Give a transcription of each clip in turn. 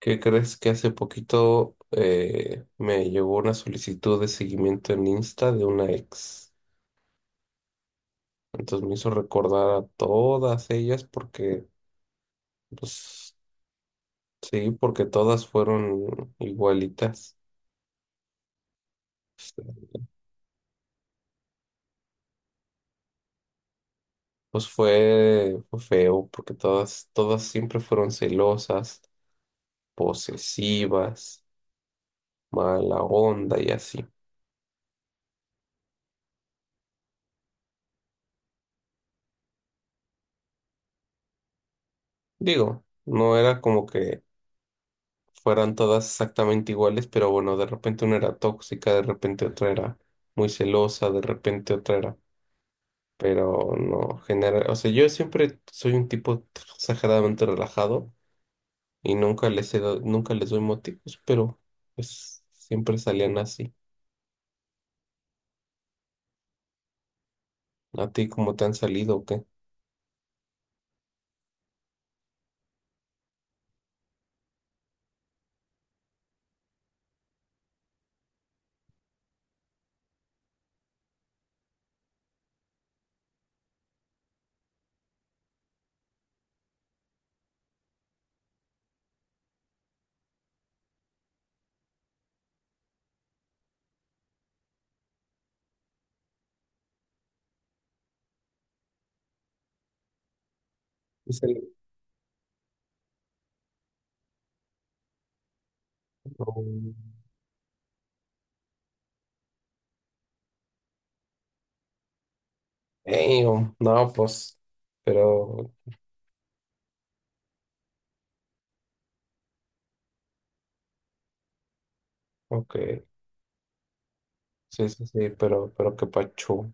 ¿Qué crees que hace poquito me llegó una solicitud de seguimiento en Insta de una ex? Entonces me hizo recordar a todas ellas porque, pues sí, porque todas fueron igualitas. O sea, pues fue feo porque todas siempre fueron celosas, posesivas, mala onda y así. Digo, no era como que fueran todas exactamente iguales, pero bueno, de repente una era tóxica, de repente otra era muy celosa, de repente otra era, pero no genera, o sea, yo siempre soy un tipo exageradamente relajado y nunca les doy motivos, pero pues siempre salían así. ¿A ti cómo te han salido o qué? Y sale- um, no, pues, pero, ok, sí, sí, sí, pero qué pacho, ok,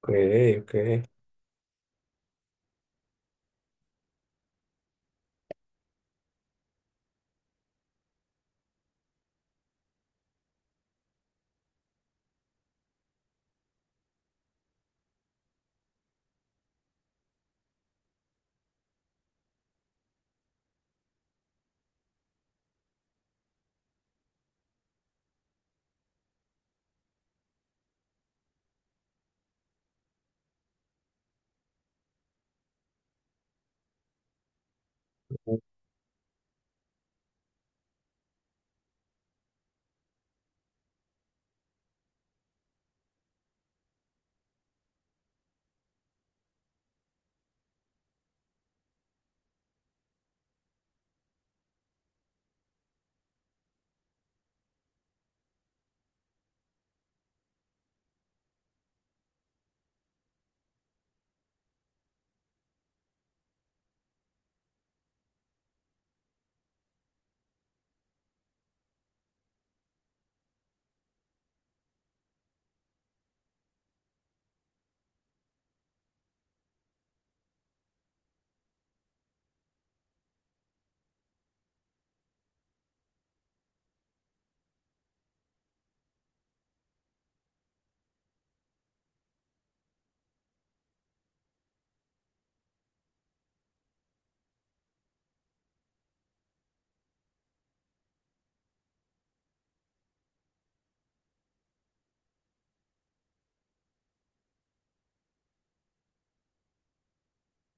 ok.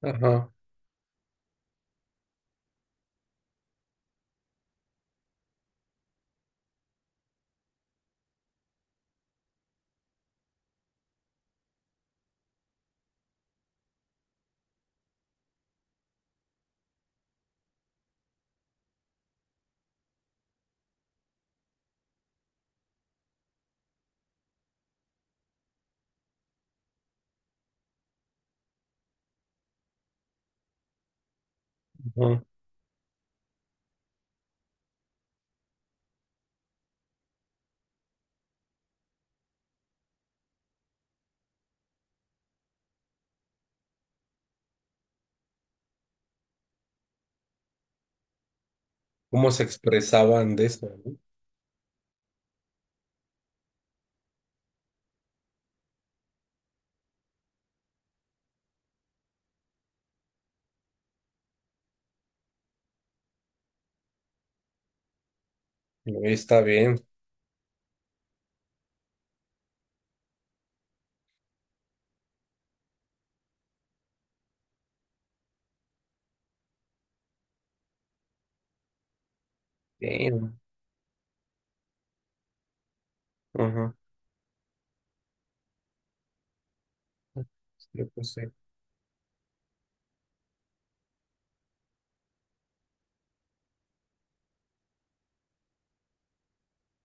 Ajá, ajá. Cómo se expresaban de eso, ¿no? No, está bien, bien, ajá, sí, pues sí,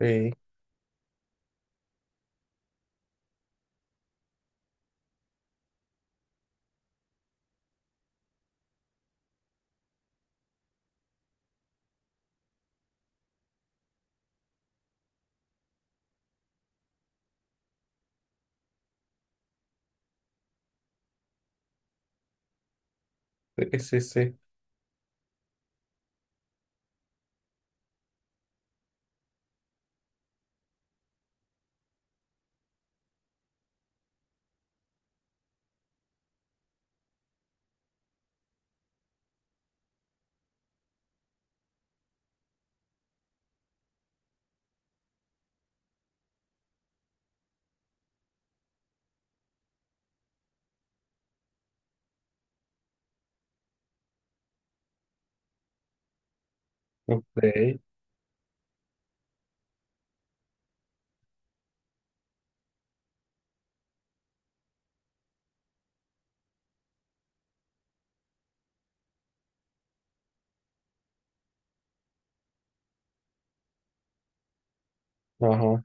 sí, sí, sí, sí, ok, ajá,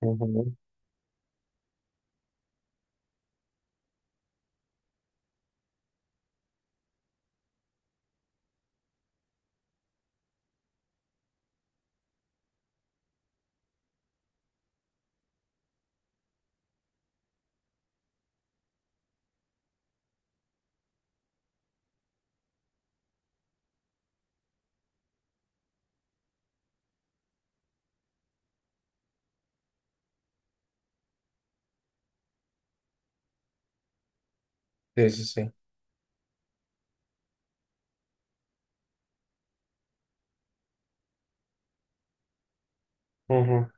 ajá, sí, sí, sí, ajá,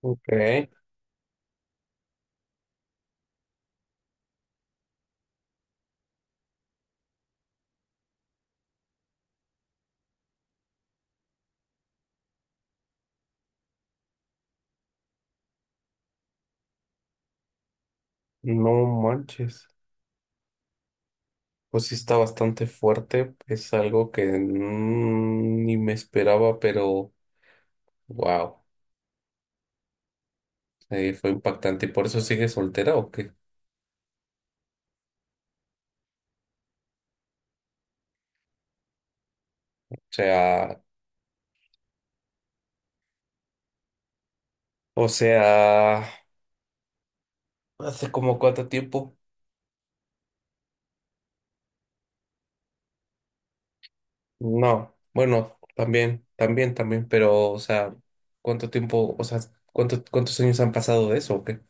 ok, no manches, pues sí está bastante fuerte, es algo que ni me esperaba, pero wow, sí, fue impactante. ¿Y por eso sigue soltera o qué? Sea, o sea, ¿hace como cuánto tiempo? No, bueno, también, también, también, pero, o sea, ¿cuánto tiempo, o sea, cuántos años han pasado de eso o qué?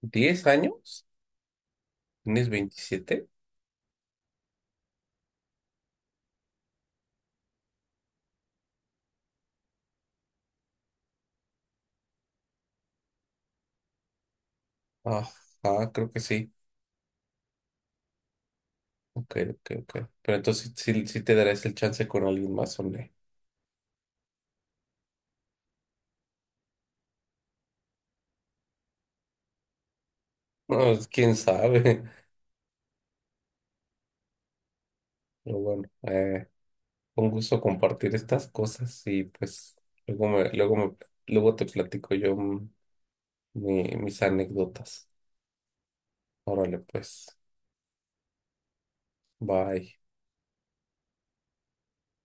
¿10 años? ¿Tienes 27? Ajá, creo que sí. Ok, ok, ok. Pero entonces sí, sí te darás el chance con alguien más o no. No, quién sabe. Pero bueno, un gusto compartir estas cosas y pues luego me, luego me, luego te platico yo mis anécdotas. Órale, pues, bye.